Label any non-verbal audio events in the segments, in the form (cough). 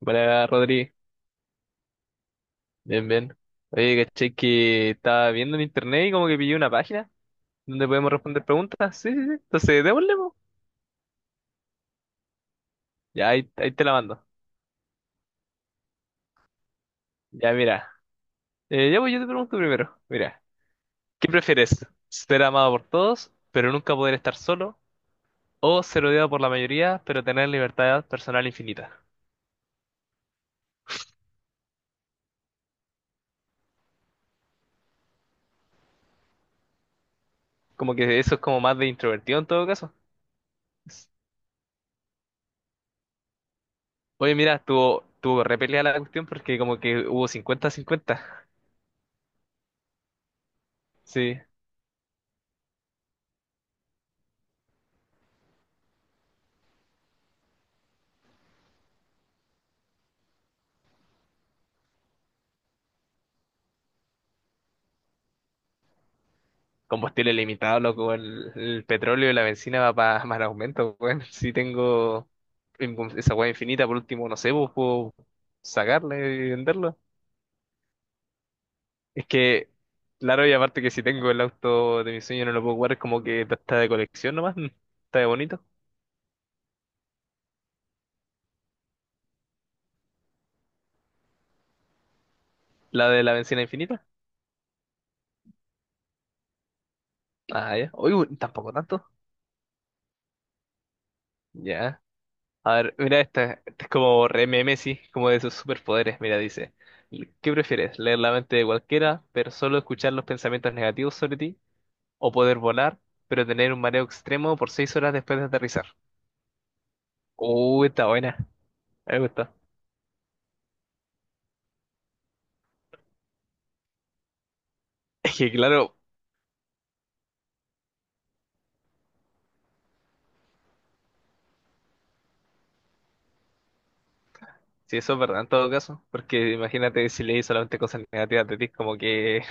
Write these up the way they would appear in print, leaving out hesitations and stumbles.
Buena, Rodri. Bien, bien. Oye, caché que estaba viendo en internet y como que pillé una página donde podemos responder preguntas. Sí, sí, sí. Entonces, démosle, po. Ya, ahí te la mando. Ya, mira. Ya, pues yo te pregunto primero. Mira, ¿qué prefieres? ¿Ser amado por todos, pero nunca poder estar solo? ¿O ser odiado por la mayoría, pero tener libertad personal infinita? Como que eso es como más de introvertido en todo caso. Oye, mira, tuvo repelida la cuestión porque como que hubo 50-50. Sí. Combustible limitado, loco, el petróleo y la benzina va para más (laughs) aumento, weón. Si tengo esa weá infinita, por último, no sé, pues puedo sacarle y venderlo. Es que, claro, y aparte que si tengo el auto de mi sueño no lo puedo jugar, es como que está de colección nomás, (laughs) está de bonito. La de la benzina infinita. Ah, ya. Uy, uy, tampoco tanto. Ya. A ver, mira esta, esta es como re meme, sí, como de sus superpoderes. Mira, dice, ¿qué prefieres? ¿Leer la mente de cualquiera, pero solo escuchar los pensamientos negativos sobre ti? ¿O poder volar, pero tener un mareo extremo por 6 horas después de aterrizar? Está buena, me gusta. (laughs) Es que claro, si eso es verdad en todo caso, porque imagínate si leí solamente cosas negativas de ti, como que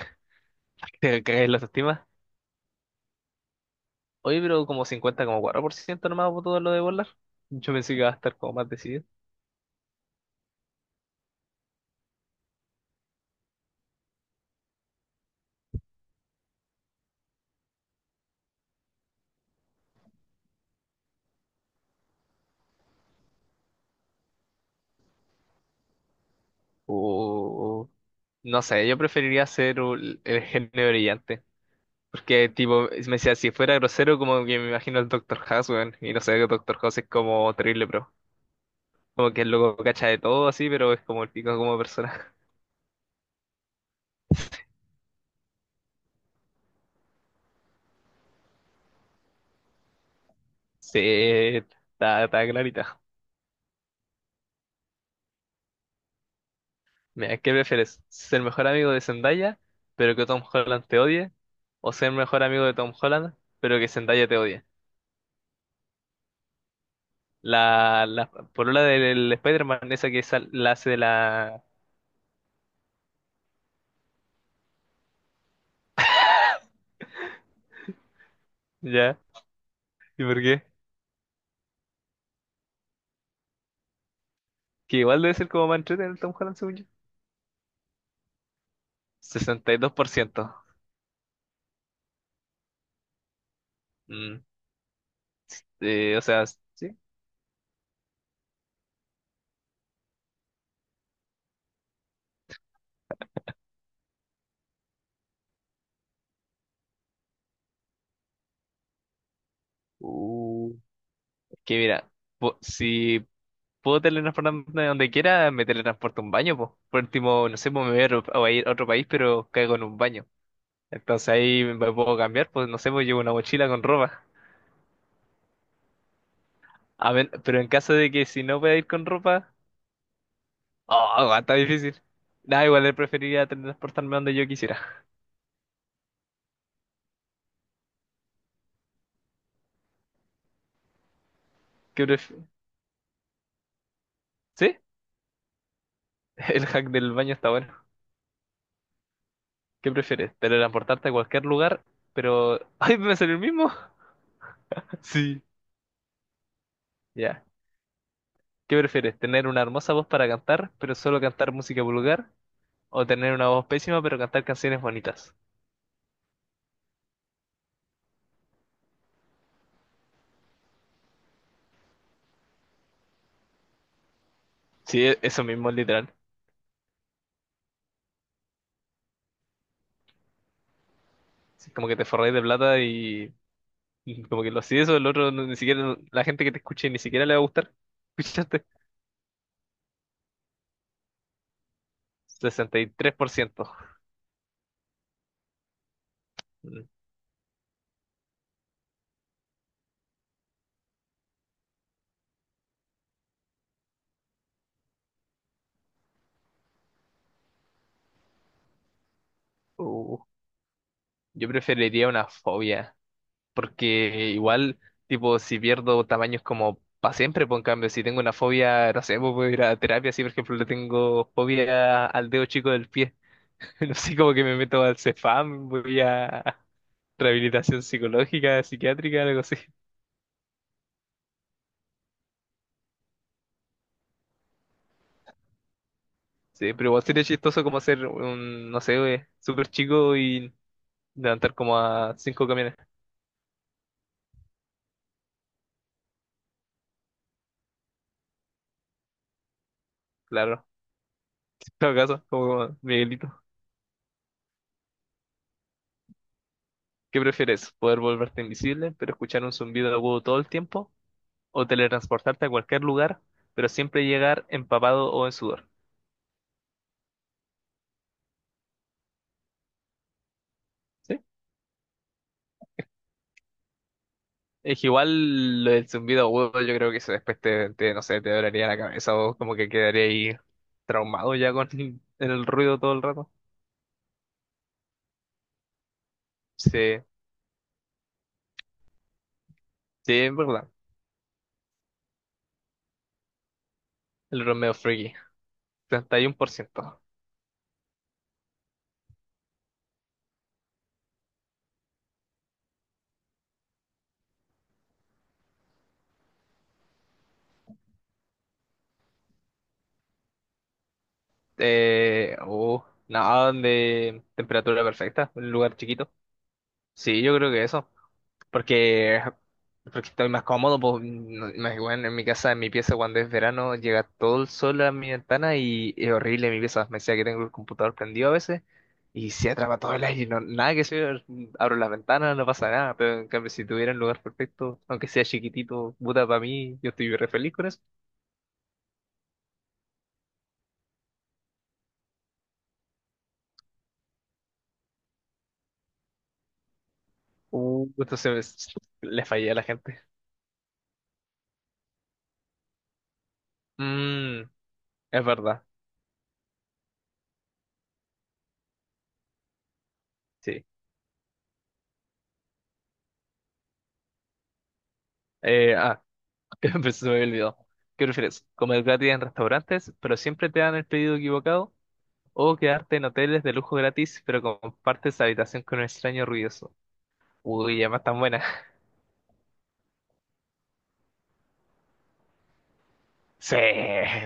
(laughs) te caes en la autoestima. Oye, pero como 50 como 4% nomás votó lo de volar. Yo pensé que iba a estar como más decidido. O, no sé, yo preferiría ser el genio brillante. Porque, tipo, me decía, si fuera grosero, como que me imagino al doctor House, weón, y no sé, el doctor House es como terrible, pero como que el loco cacha de todo así, pero es como el pico como persona. (laughs) Sí, está clarita. Mira, ¿qué prefieres? ¿Ser mejor amigo de Zendaya, pero que Tom Holland te odie? ¿O ser mejor amigo de Tom Holland, pero que Zendaya te odie? La polola del Spider-Man, esa que la hace de la. ¿Ya? ¿Y por qué? Que igual debe ser como más entretenido el Tom Holland, según yo. 62%. Mm, o sea, sí. Uh, que mira, si puedo teletransportarme donde quiera, me teletransporto a un baño, pues. Por último, no sé, pues me voy a ir a otro país, pero caigo en un baño. Entonces ahí me puedo cambiar, pues no sé, pues llevo una mochila con ropa. A ver, pero en caso de que si no pueda ir con ropa, oh, está difícil. Nada, igual le preferiría teletransportarme donde yo quisiera. ¿Qué pref- ¿Sí? (laughs) El hack del baño está bueno. ¿Qué prefieres? ¿Teletransportarte a cualquier lugar? Pero. (laughs) ¡Ay, me salió el mismo! (laughs) Sí. Ya. ¿Qué prefieres? ¿Tener una hermosa voz para cantar, pero solo cantar música vulgar? ¿O tener una voz pésima, pero cantar canciones bonitas? Sí, eso mismo, literal. Sí, como que te forráis de plata y como que lo si eso, el otro, ni siquiera. La gente que te escuche ni siquiera le va a gustar. (laughs) ¿Escuchaste? 63%. Mm. Uh, yo preferiría una fobia. Porque igual, tipo, si pierdo tamaños como para siempre, pues en cambio, si tengo una fobia, no sé, pues puedo ir a terapia, si por ejemplo le tengo fobia al dedo chico del pie, (laughs) no sé, como que me meto al Cefam, voy a rehabilitación psicológica, psiquiátrica, algo así. Sí, pero igual sería chistoso como hacer un, no sé, güey, súper chico y levantar como a cinco camiones, claro. (laughs) En todo caso, como Miguelito. ¿Qué prefieres? ¿Poder volverte invisible, pero escuchar un zumbido agudo todo el tiempo? ¿O teletransportarte a cualquier lugar, pero siempre llegar empapado o en sudor? ¿Sí? Es que igual lo del zumbido agudo, yo creo que eso después no sé, te dolería la cabeza o como que quedaría ahí traumado ya con (laughs) el ruido todo el rato. Sí, sí, es verdad. El Romeo Freaky, 31%. Eh, uh, Nada de temperatura perfecta, un lugar chiquito. Sí, yo creo que eso. Porque, porque estoy más cómodo, pues, más bueno, en mi casa, en mi pieza, cuando es verano, llega todo el sol a mi ventana y es horrible mi pieza. Me decía que tengo el computador prendido a veces y se atrapa todo el aire, no, nada que ver, abro las ventanas, no pasa nada, pero en cambio si tuviera un lugar perfecto, aunque sea chiquitito, puta, para mí, yo estoy re feliz con eso. Entonces (laughs) le fallé a la gente. Mm, es verdad, sí. Eh, ah, (laughs) Pues se me olvidó. ¿Qué prefieres? ¿Comer gratis en restaurantes, pero siempre te dan el pedido equivocado? ¿O quedarte en hoteles de lujo gratis, pero compartes habitación con un extraño ruidoso? Uy, además tan buena. (laughs) Sí,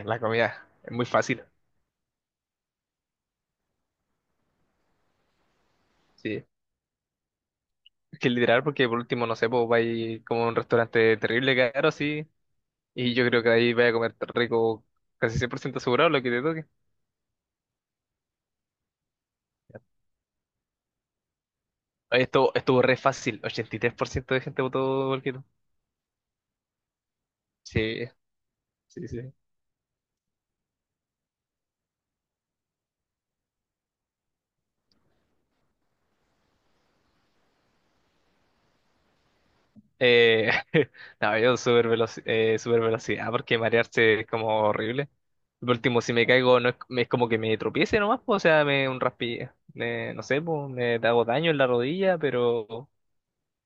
la comida. Es muy fácil. Sí. Es que literal, porque por último, no sé, pues vais como a un restaurante terrible caro, sí. Y yo creo que ahí vais a comer rico casi 100% asegurado lo que te toque. Oye, estuvo re fácil. 83% de gente votó igual que tú. Sí, sí, sí. Eh, (laughs) no, yo super velocidad porque marearse es como horrible. Por último, si me caigo, no es, es como que me tropiece nomás, po, o sea, me un raspi, no sé, po, me hago daño en la rodilla, pero,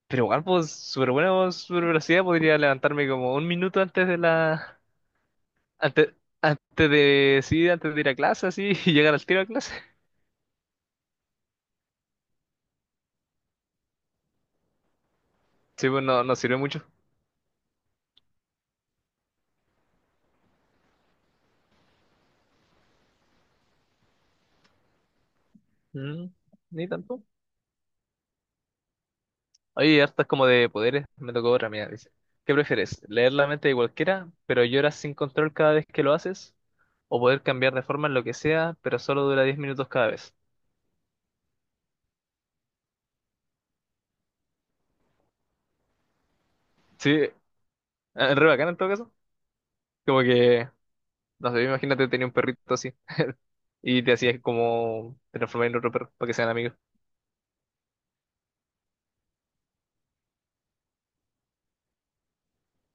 pero igual, pues, súper bueno, super velocidad, podría levantarme como un minuto antes de la, antes, antes de, sí, antes de ir a clase, así, (laughs) y llegar al tiro a clase. Sí, pues, no, no sirve mucho. Mm, Ni tanto. Oye, hartas como de poderes, me tocó otra, mira, dice. ¿Qué prefieres? ¿Leer la mente de cualquiera, pero lloras sin control cada vez que lo haces? ¿O poder cambiar de forma en lo que sea, pero solo dura 10 minutos cada vez? Sí, re bacán en todo caso. Como que, no sé, imagínate tenía un perrito así y te hacías como transformar en otro perro para que sean amigos.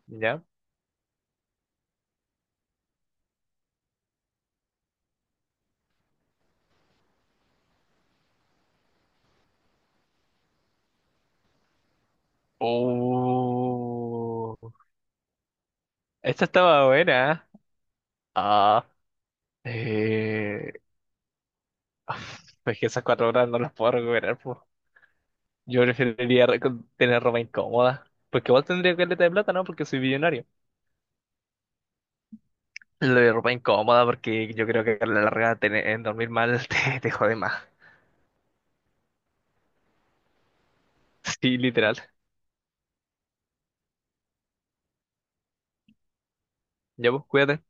¿Ya? Oh, esta estaba buena, ¿eh? Ah, eh, (laughs) (sighs) es que esas 4 horas no las puedo recuperar. Yo preferiría tener ropa incómoda. Porque igual tendría caleta de plata, ¿no? Porque soy billonario. Lo de ropa incómoda, porque yo creo que a la larga dormir mal (laughs) te jode más. Sí, literal. Ya, pues, cuídate.